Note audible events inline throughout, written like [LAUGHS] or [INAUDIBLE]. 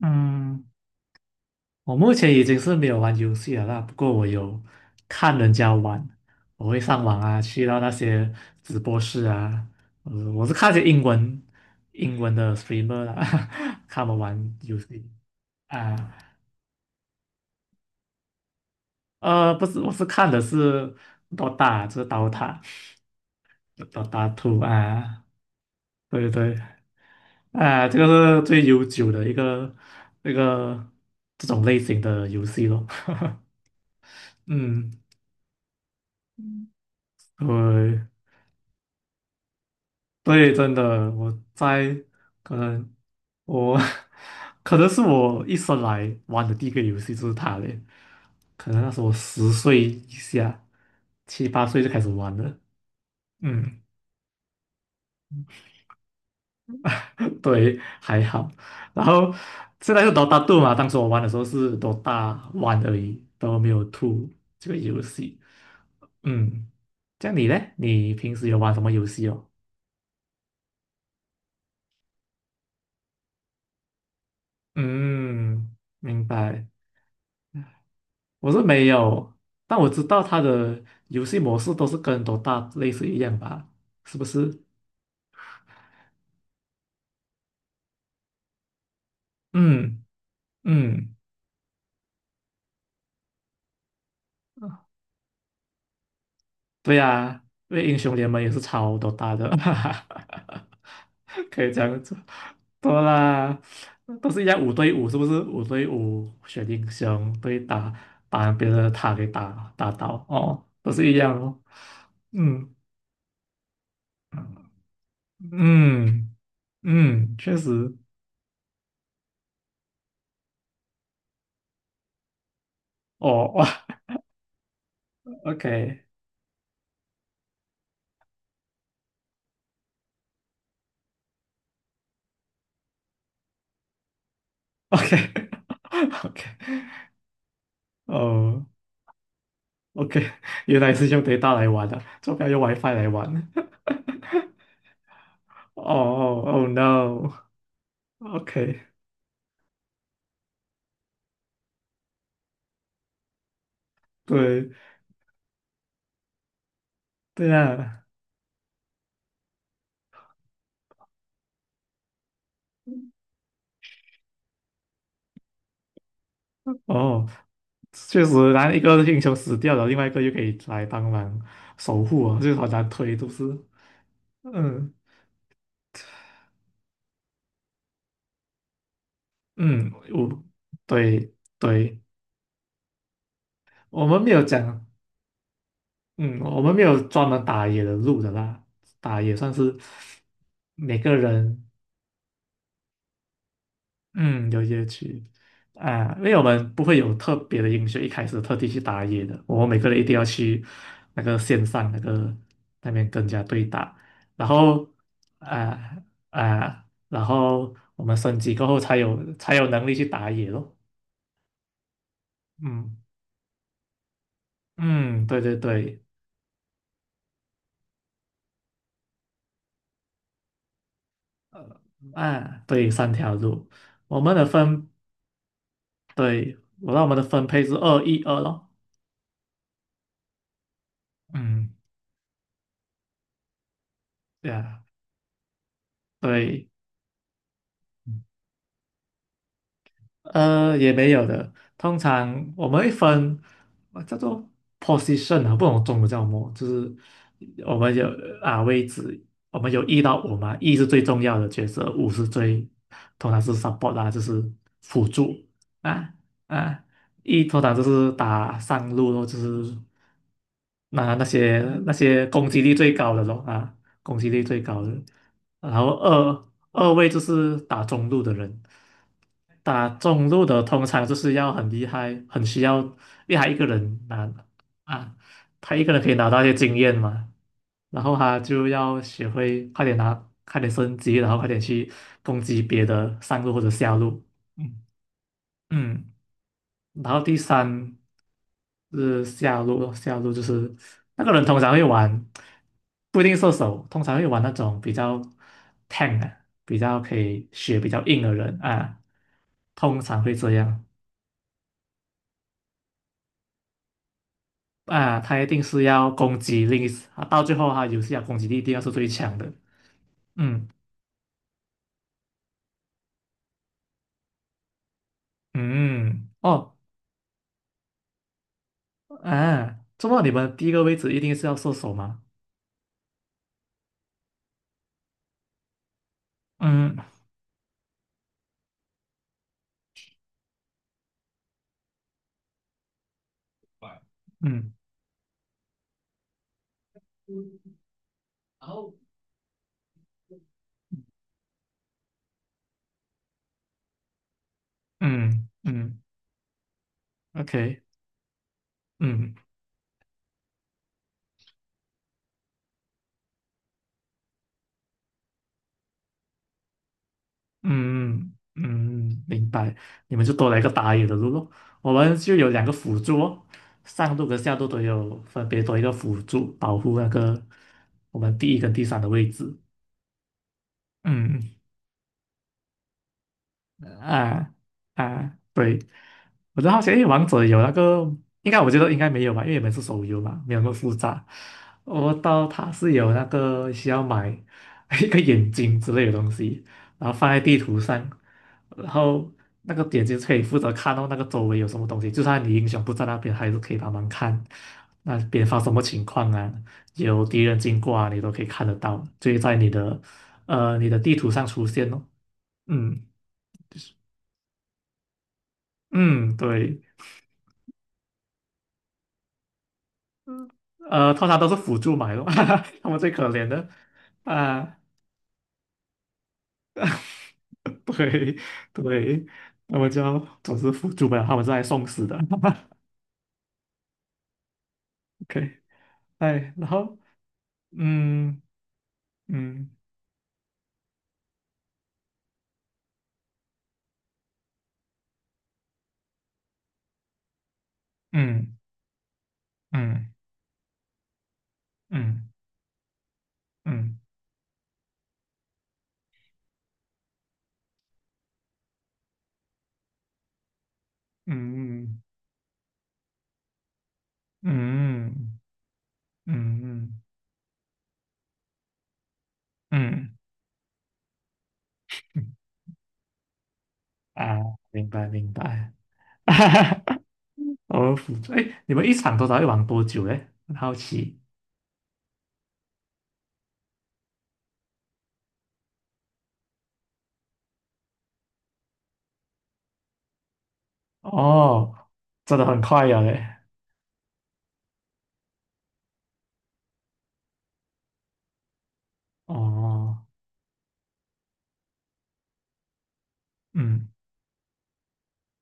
嗯，我目前已经是没有玩游戏了啦，不过我有看人家玩，我会上网啊，去到那些直播室啊，我是看一些英文的 streamer 啦，[LAUGHS] 看他们玩游戏啊，不是，我是看的是 Dota，就是 Dota [LAUGHS] Two 啊，对对。啊，这个是最悠久的一个那个这种类型的游戏咯。[LAUGHS] 嗯，对，对，真的，我在可能我 [LAUGHS] 可能是我一生来玩的第一个游戏就是它嘞，可能那时候我十岁以下，七八岁就开始玩了，嗯，[LAUGHS] 对，还好。然后现在是 Dota 2嘛，当时我玩的时候是 Dota One 而已，都没有 TO 这个游戏。嗯，这样你嘞？你平时有玩什么游戏哦？嗯，明白。我是没有，但我知道他的游戏模式都是跟多大类似一样吧？是不是？嗯嗯，对呀、因为英雄联盟也是超 Dota 的，[LAUGHS] 哈哈，可以这样子。多啦，都是一样五对五，是不是？五对五选英雄，对打把别人的塔给打倒，哦，都是一样哦。嗯，嗯嗯，确实，哦，哇 [LAUGHS]，OK。[LAUGHS] OK，哦，OK，原来是用 data 来玩的，做不边用 WiFi 来玩。[LAUGHS] 哦，Oh，no，OK，对对啊，哦，确实，然后一个英雄死掉了，另外一个又可以来帮忙守护啊，就是好难推，都是，嗯嗯，我对对，我们没有讲，嗯，我们没有专门打野的路的啦，打野算是每个人。嗯，有夜区啊，因为我们不会有特别的英雄一开始特地去打野的，我们每个人一定要去那个线上那个那边跟人家对打，然后啊然后我们升级过后才有能力去打野咯。嗯嗯，对对对，呃啊，对，三条路，我们的分，对，我们的分配是二一二咯。嗯，对啊，对。呃，也没有的。通常我们会分叫做 position 啊，不懂中文叫什么，就是我们有啊位置，我们有一到五嘛，一是最重要的角色，五是最通常是 support 啦、就是辅助啊啊，一通常就是打上路咯，就是那些那些攻击力最高的咯啊，攻击力最高的。然后二位就是打中路的人，打中路的通常就是要很厉害，一个人拿啊，他一个人可以拿到一些经验嘛，然后他就要学会快点拿，快点升级，然后快点去攻击别的上路或者下路。嗯，嗯，然后第三是下路咯，下路就是那个人通常会玩，不一定射手，通常会玩那种比较 tank 啊，比较可以血比较硬的人啊，通常会这样啊，他一定是要攻击力，啊，到最后他游戏啊攻击力一定要是最强的，嗯嗯嗯哦啊，这么你们第一个位置一定是要射手吗？嗯嗯嗯嗯，OK，嗯嗯嗯，嗯明白。你们就多了一个打野的路咯。我们就有两个辅助哦，上路跟下路都有分别多一个辅助保护那个我们第一跟第三的位置。嗯啊啊，对，我就好奇，因为王者有那个，应该我觉得应该没有吧，因为你们是手游嘛，没有那么复杂。我到它是有那个需要买 [LAUGHS] 一个眼睛之类的东西，然后放在地图上，然后那个眼睛可以负责看到那个周围有什么东西，就算你英雄不在那边，还是可以帮忙看那边发生什么情况啊，有敌人经过啊，你都可以看得到，就会在你的你的地图上出现哦。嗯，嗯，对，呃，通常都是辅助买的，[LAUGHS] 他们最可怜的啊，[LAUGHS] 对对，他们就总是辅助买了，他们是来送死的。[LAUGHS] OK，哎，然后嗯嗯嗯嗯嗯嗯嗯嗯嗯嗯嗯嗯啊，明白明白，[LAUGHS] 我哦，辅助，哎，你们一场多少会玩多久嘞？很好奇哦，真的很快呀嘞。哦，嗯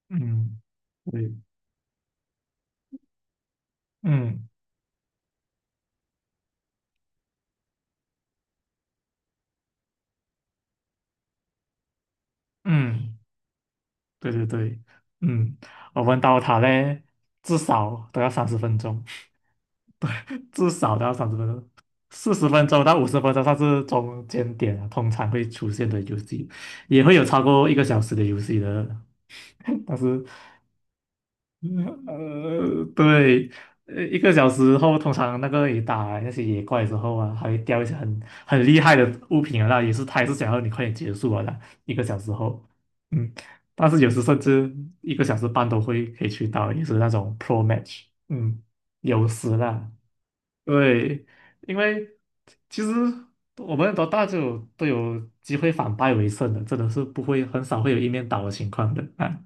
嗯，对，嗯嗯，对对对，嗯，我问到他嘞，至少都要三十分钟，[LAUGHS] 对，至少都要三十分钟，四十分钟到五十分钟算是中间点啊，通常会出现的游戏，也会有超过一个小时的游戏的，[LAUGHS] 但是呃，对，呃，一个小时后，通常那个你打那些野怪之后啊，还会掉一些很厉害的物品啊，那也是他也是想要你快点结束啊的。一个小时后，嗯，但是有时甚至一个小时半都会可以去到，也是那种 pro match，嗯，有时啦，对，因为其实我们多大就有都有机会反败为胜的，真的是不会很少会有一面倒的情况的啊，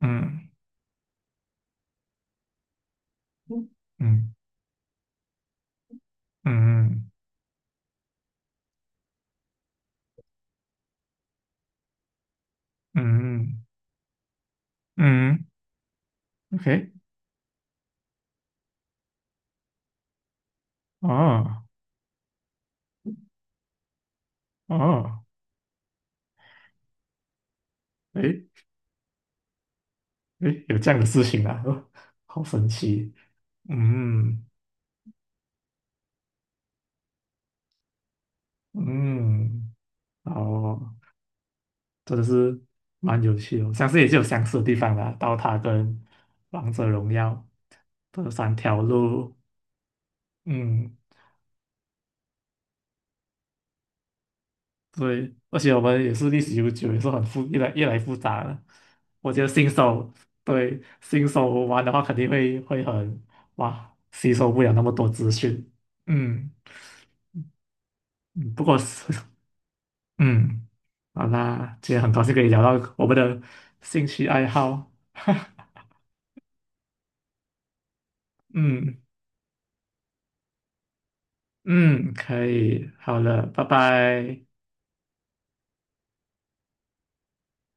嗯嗯嗯嗯。嗯嗯嗯，OK，哦哦，诶诶，有这样的事情啊，哦，好神奇，嗯嗯，哦，真的是蛮有趣哦，我相信也是有相似的地方啦，刀塔跟王者荣耀这三条路，嗯对，而且我们也是历史悠久，也是很复，越来越复杂了。我觉得新手玩的话，肯定会很哇，吸收不了那么多资讯。嗯嗯不过是 [LAUGHS] 嗯，好啦，今天很高兴可以聊到我们的兴趣爱好。[LAUGHS] 嗯嗯，可以，好了，拜拜。